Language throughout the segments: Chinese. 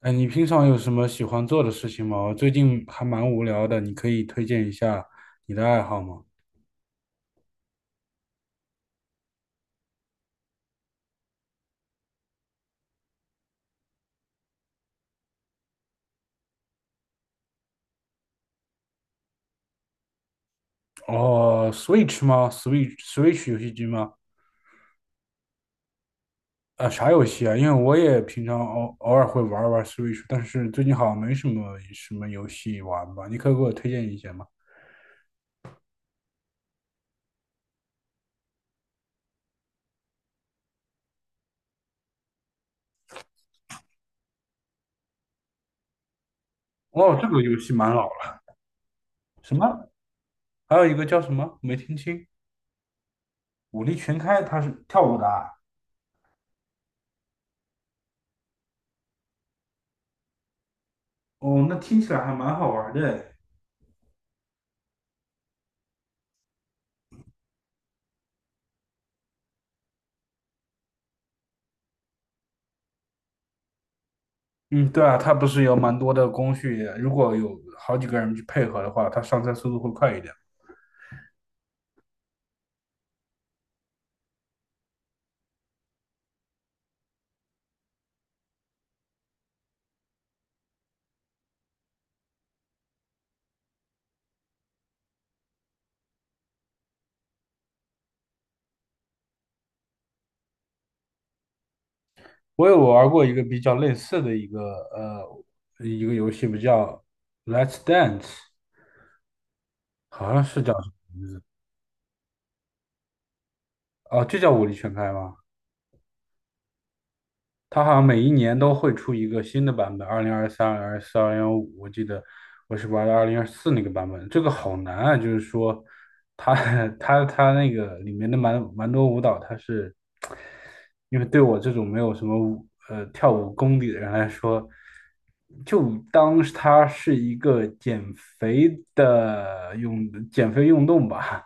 哎，你平常有什么喜欢做的事情吗？我最近还蛮无聊的，你可以推荐一下你的爱好吗？哦，Switch 吗？Switch 游戏机吗？啊，啥游戏啊？因为我也平常偶偶尔会玩玩 Switch，但是最近好像没什么什么游戏玩吧？你可以给我推荐一些吗？哦，这个游戏蛮老了。什么？还有一个叫什么？没听清。武力全开，它是跳舞的啊。哦，那听起来还蛮好玩的诶。嗯，对啊，它不是有蛮多的工序，如果有好几个人去配合的话，它上菜速度会快一点。我有玩过一个比较类似的一个呃一个游戏，不叫《Let's Dance》，好像是叫。哦，就叫舞力全开吗？它好像每一年都会出一个新的版本，2023、二零二四、2025。我记得我是玩的二零二四那个版本，这个好难啊！就是说，它 它那个里面的蛮蛮多舞蹈，它是因为对我这种没有什么跳舞功底的人来说，就当是它是一个减肥的用减肥运动吧。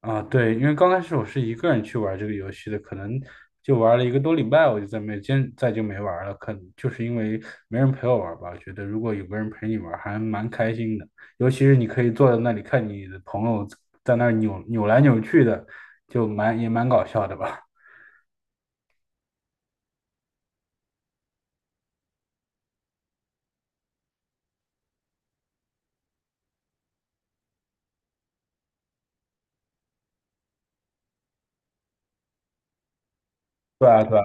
啊，对，因为刚开始我是一个人去玩这个游戏的，可能就玩了一个多礼拜，我就再没坚，再就没玩了。可能就是因为没人陪我玩吧，我觉得如果有个人陪你玩，还蛮开心的。尤其是你可以坐在那里看你的朋友在那儿扭扭来扭去的，就蛮也蛮搞笑的吧。对对啊，对啊。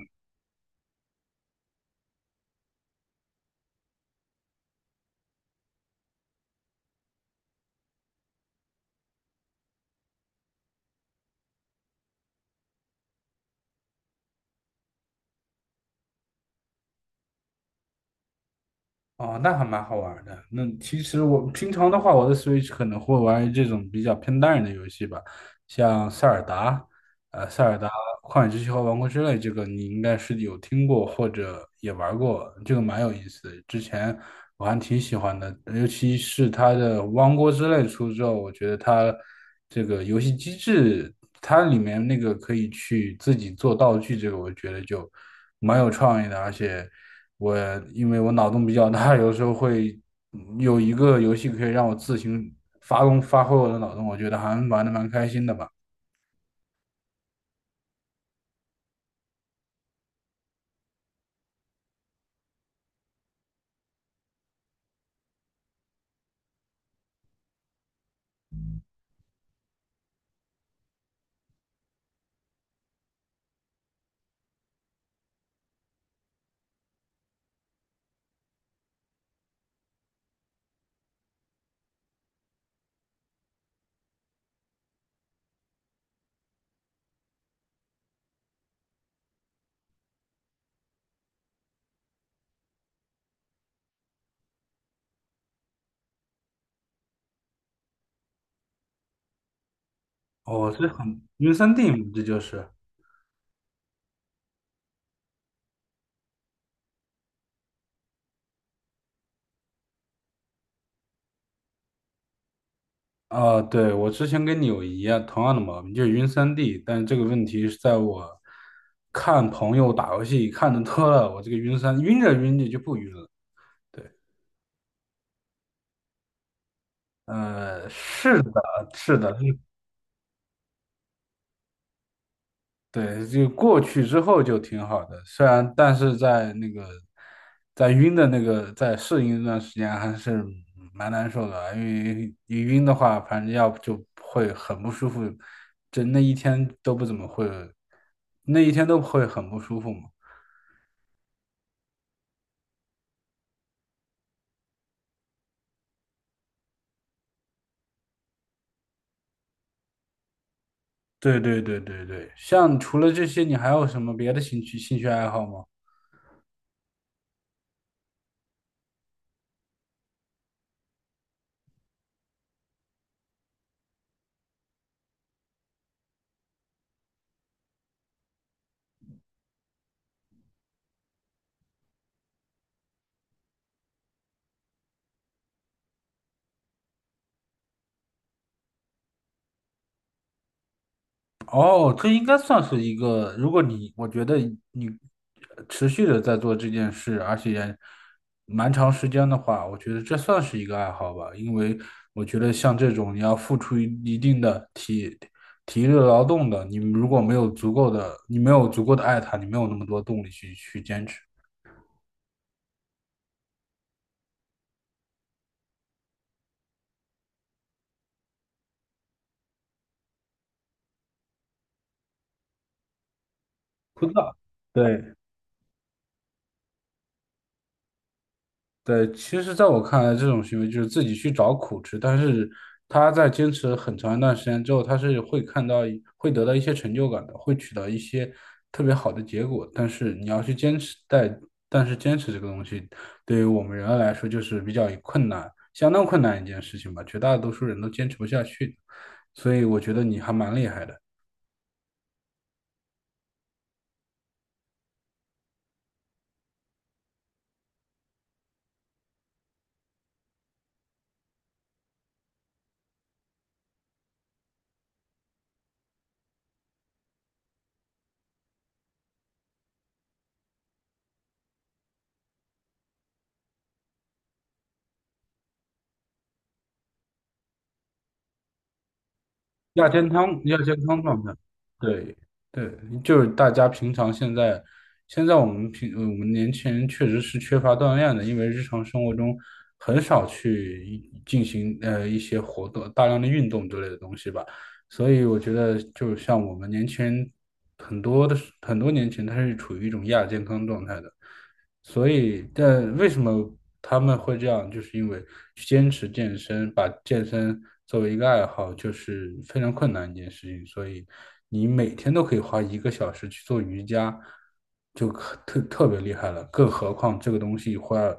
哦，那还蛮好玩儿的。那其实我平常的话，我的 Switch 可能会玩这种比较偏单人的游戏吧，像塞尔达，塞尔达、旷野之息和王国之泪，这个你应该是有听过或者也玩过，这个蛮有意思的。之前我还挺喜欢的，尤其是它的王国之泪出之后，我觉得它这个游戏机制，它里面那个可以去自己做道具，这个我觉得就蛮有创意的，而且。我因为我脑洞比较大，有时候会有一个游戏可以让我自行发挥我的脑洞，我觉得还玩的蛮开心的吧。哦，是很晕三 D 嘛，这就是。啊、对，我之前跟你有一样同样的毛病，就是晕三 D,但这个问题是在我看朋友打游戏看的多了，我这个晕三晕着晕着就不晕了。对，是的，是的。对，就过去之后就挺好的，虽然但是在那个在晕的那个在适应一段时间还是蛮难受的啊，因为一晕的话，反正要不就会很不舒服，就那一天都不怎么会，那一天都会很不舒服嘛。对对对对对，像除了这些，你还有什么别的兴趣爱好吗？哦，这应该算是一个，如果你，我觉得你持续的在做这件事，而且蛮长时间的话，我觉得这算是一个爱好吧。因为我觉得像这种你要付出一定的体力劳动的，你如果没有足够的，你没有足够的爱它，你没有那么多动力去坚持。枯燥，对。对，其实在我看来，这种行为就是自己去找苦吃，但是他在坚持很长一段时间之后，他是会看到一会得到一些成就感的，会取得一些特别好的结果。但是你要去坚持，但是坚持这个东西，对于我们人来说就是比较困难，相当困难一件事情吧，绝大多数人都坚持不下去。所以我觉得你还蛮厉害的。亚健康状态，对对。就是大家平常现在，现在我们我们年轻人确实是缺乏锻炼的，因为日常生活中很少去进行一些活动，大量的运动之类的东西吧，所以我觉得就是像我们年轻人很多的很多年轻人他是处于一种亚健康状态的，所以，但为什么他们会这样？就是因为去坚持健身，把健身作为一个爱好，就是非常困难一件事情。所以，你每天都可以花一个小时去做瑜伽，就可特别厉害了。更何况这个东西会要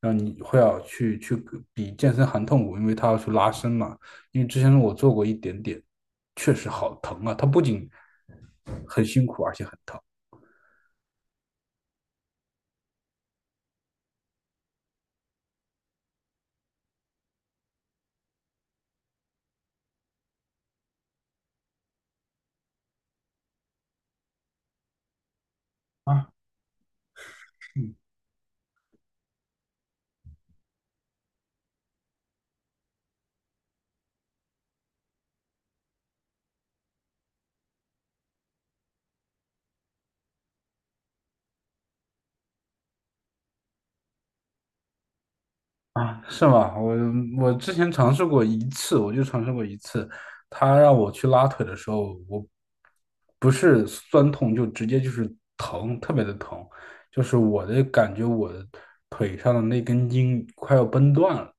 让你会要去比健身还痛苦，因为它要去拉伸嘛。因为之前我做过一点点，确实好疼啊！它不仅很辛苦，而且很疼。啊。啊，是吗？我之前尝试过一次，我就尝试过一次，他让我去拉腿的时候，我不是酸痛，就直接就是疼，特别的疼，就是我的感觉，我的腿上的那根筋快要崩断了。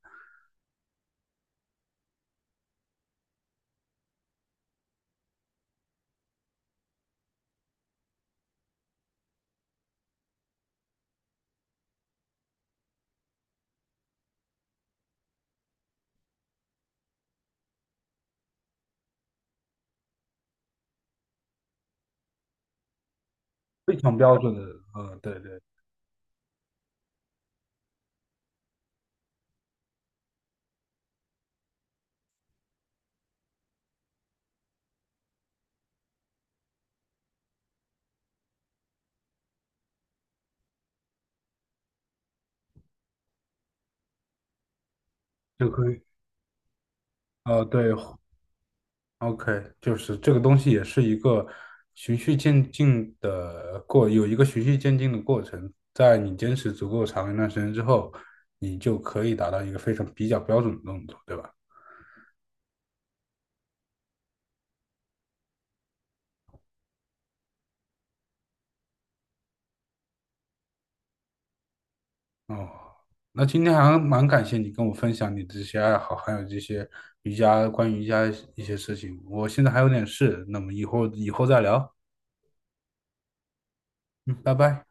非常标准的，呃，对对。就可以，呃，对，OK,就是这个东西也是一个循序渐进的过，有一个循序渐进的过程，在你坚持足够长一段时间之后，你就可以达到一个非常比较标准的动作，对吧？哦，那今天还蛮感谢你跟我分享你的这些爱好，还有这些瑜伽，关于瑜伽一些事情。我现在还有点事，那么以后再聊。嗯，拜拜。